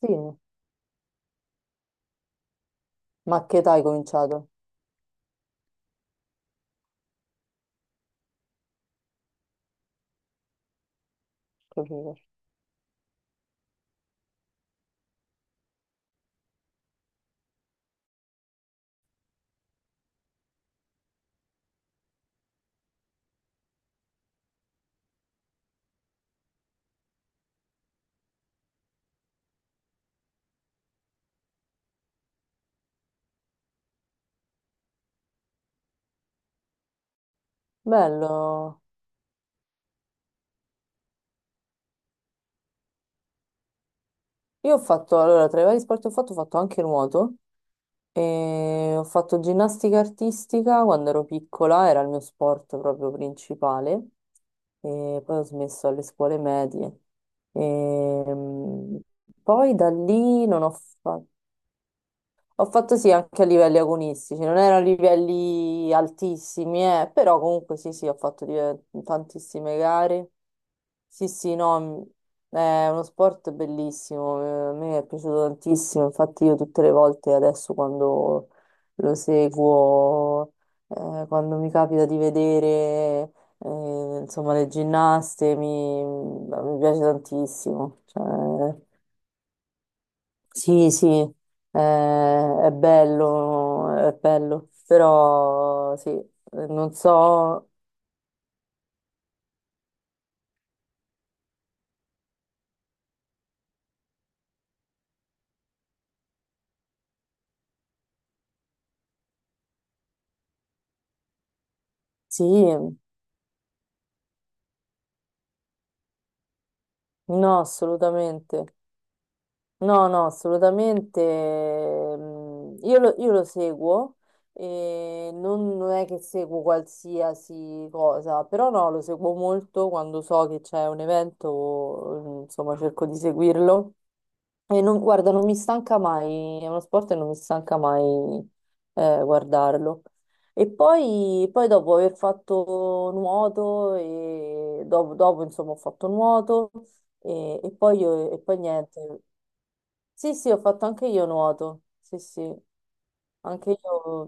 Sì, ma che età hai cominciato? Capito. Bello. Io ho fatto, allora, tra i vari sport che ho fatto anche nuoto e ho fatto ginnastica artistica quando ero piccola, era il mio sport proprio principale e poi ho smesso alle scuole medie. E, poi da lì non ho fatto. Ho fatto sì anche a livelli agonistici, non erano livelli altissimi, però comunque sì, sì, ho fatto tantissime gare. Sì, sì, no, è uno sport bellissimo, a me è piaciuto tantissimo, infatti io tutte le volte adesso quando lo seguo, quando mi capita di vedere, insomma, le ginnaste, mi piace tantissimo. Cioè, sì, sì, è bello, però sì, non so, sì, no, assolutamente, no, no, assolutamente, mm, io lo seguo e non è che seguo qualsiasi cosa, però no, lo seguo molto quando so che c'è un evento, mm, insomma, cerco di seguirlo. E guarda, non mi stanca mai, è uno sport e non mi stanca mai, guardarlo. E poi dopo aver fatto nuoto, e dopo, insomma ho fatto nuoto e poi, e poi niente. Sì, sì, ho fatto anche io nuoto, sì, anche io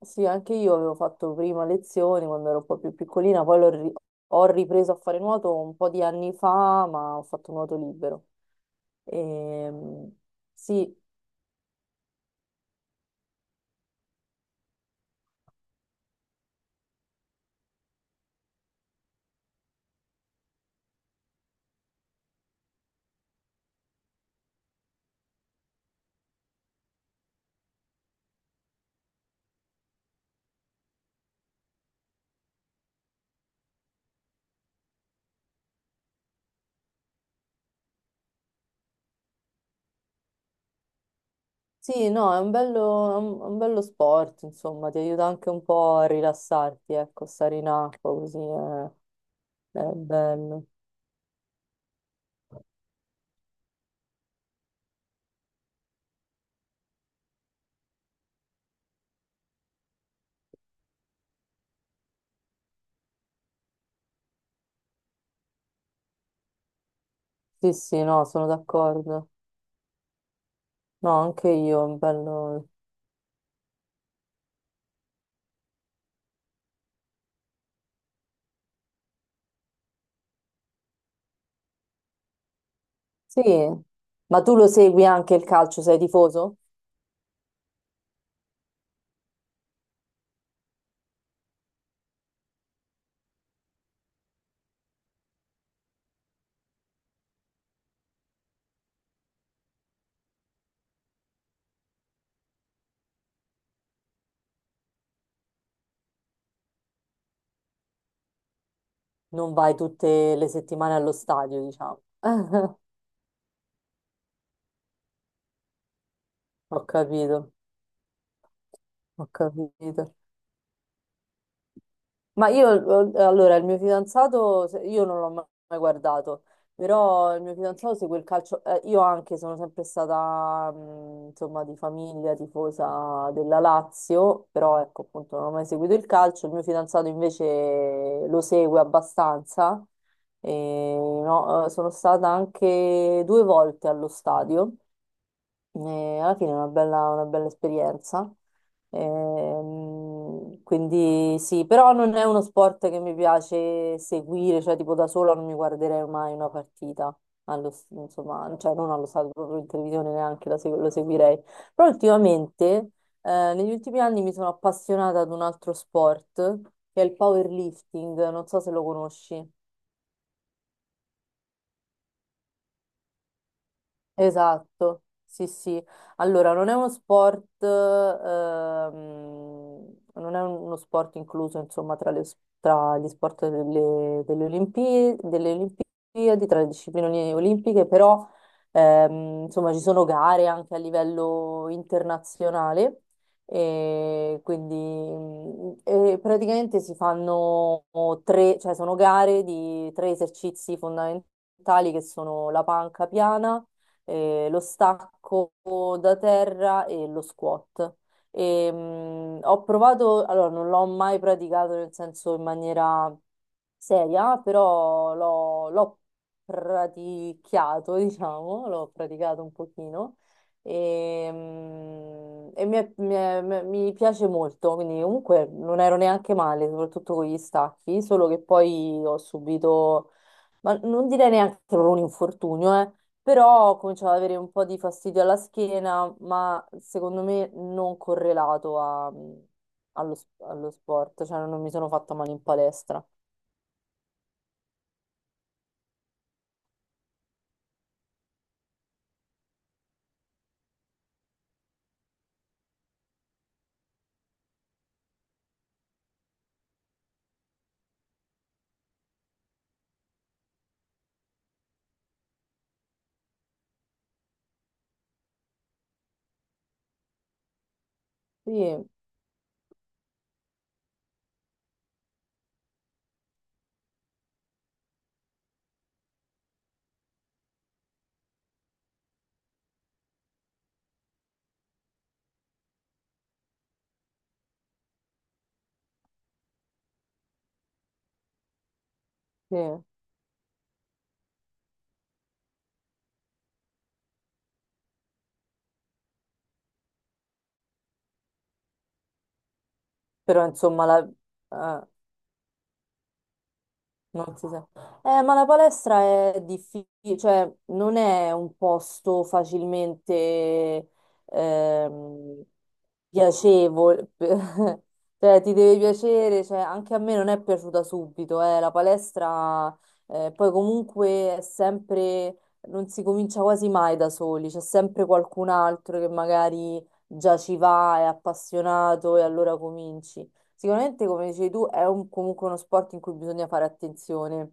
sì, anche io avevo fatto prima lezioni quando ero un po' più piccolina, poi ho ripreso a fare nuoto un po' di anni fa, ma ho fatto nuoto libero. Ehm, sì, sì, no, è un bello sport, insomma, ti aiuta anche un po' a rilassarti, ecco, stare in acqua così è bello. Sì, sì, no, sono d'accordo. No, anche io, è un bello. Sì, ma tu lo segui anche il calcio, sei tifoso? Non vai tutte le settimane allo stadio, diciamo. Ho capito, ho capito. Ma io, allora, il mio fidanzato, io non l'ho mai guardato, però il mio fidanzato segue il calcio, io anche sono sempre stata, insomma, di famiglia tifosa della Lazio, però ecco, appunto, non ho mai seguito il calcio, il mio fidanzato invece lo segue abbastanza, e, no, sono stata anche due volte allo stadio. E alla fine è una bella esperienza. Quindi sì, però non è uno sport che mi piace seguire, cioè tipo da sola non mi guarderei mai una partita, allo, insomma, cioè non allo stato proprio in televisione neanche la lo seguirei. Però ultimamente, negli ultimi anni mi sono appassionata ad un altro sport che è il powerlifting, non so se lo conosci. Esatto, sì, sì. Allora, non è uno sport, non è uno sport incluso, insomma, tra gli sport delle, delle delle Olimpiadi, tra le discipline olimpiche, però, insomma, ci sono gare anche a livello internazionale e quindi mm, e praticamente si fanno tre, cioè sono gare di tre esercizi fondamentali che sono la panca piana, lo stacco da terra e lo squat. E, ho provato, allora non l'ho mai praticato nel senso in maniera seria, però l'ho praticato, diciamo, l'ho praticato un pochino. E, mm, e mi piace molto, quindi comunque non ero neanche male, soprattutto con gli stacchi, solo che poi ho subito ma non direi neanche che non un infortunio, però cominciava ad avere un po' di fastidio alla schiena, ma secondo me non correlato allo, allo sport, cioè non mi sono fatta male in palestra. Sì, sì, però insomma la, eh, non si sa. Ma la palestra è difficile, cioè non è un posto facilmente ehm, piacevole, cioè ti deve piacere, cioè, anche a me non è piaciuta subito, la palestra, poi comunque è sempre, non si comincia quasi mai da soli, c'è sempre qualcun altro che magari già ci va, è appassionato e allora cominci. Sicuramente, come dicevi tu, è comunque uno sport in cui bisogna fare attenzione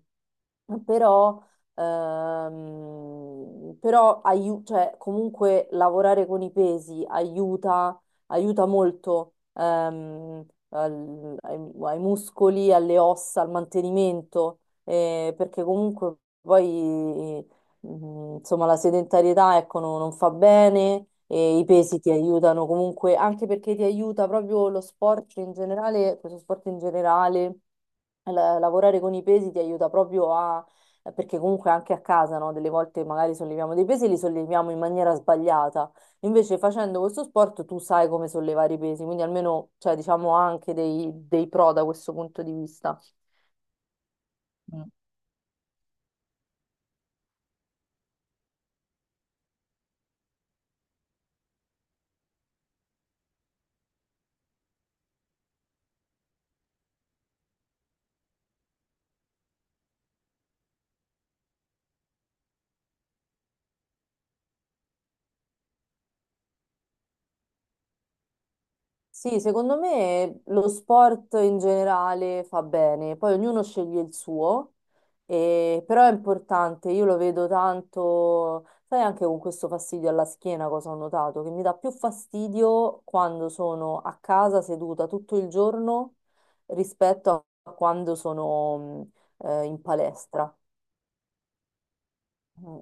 però, però cioè, comunque lavorare con i pesi aiuta, aiuta molto, ai muscoli, alle ossa, al mantenimento, perché comunque poi, mm, insomma, la sedentarietà, ecco, non fa bene e i pesi ti aiutano comunque, anche perché ti aiuta proprio lo sport in generale, questo sport in generale, lavorare con i pesi ti aiuta proprio a, perché comunque anche a casa, no? Delle volte magari solleviamo dei pesi e li solleviamo in maniera sbagliata. Invece facendo questo sport tu sai come sollevare i pesi, quindi almeno, cioè, diciamo, ha anche dei, dei pro da questo punto di vista. Sì, secondo me lo sport in generale fa bene, poi ognuno sceglie il suo, però è importante, io lo vedo tanto, sai anche con questo fastidio alla schiena cosa ho notato, che mi dà più fastidio quando sono a casa seduta tutto il giorno rispetto a quando sono in palestra. Mm,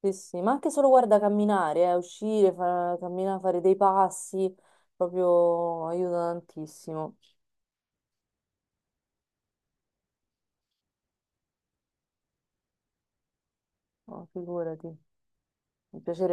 sì, sì, ma anche solo guarda camminare, uscire, camminare, fare dei passi, proprio aiuta tantissimo. Oh, figurati, mi piacerebbe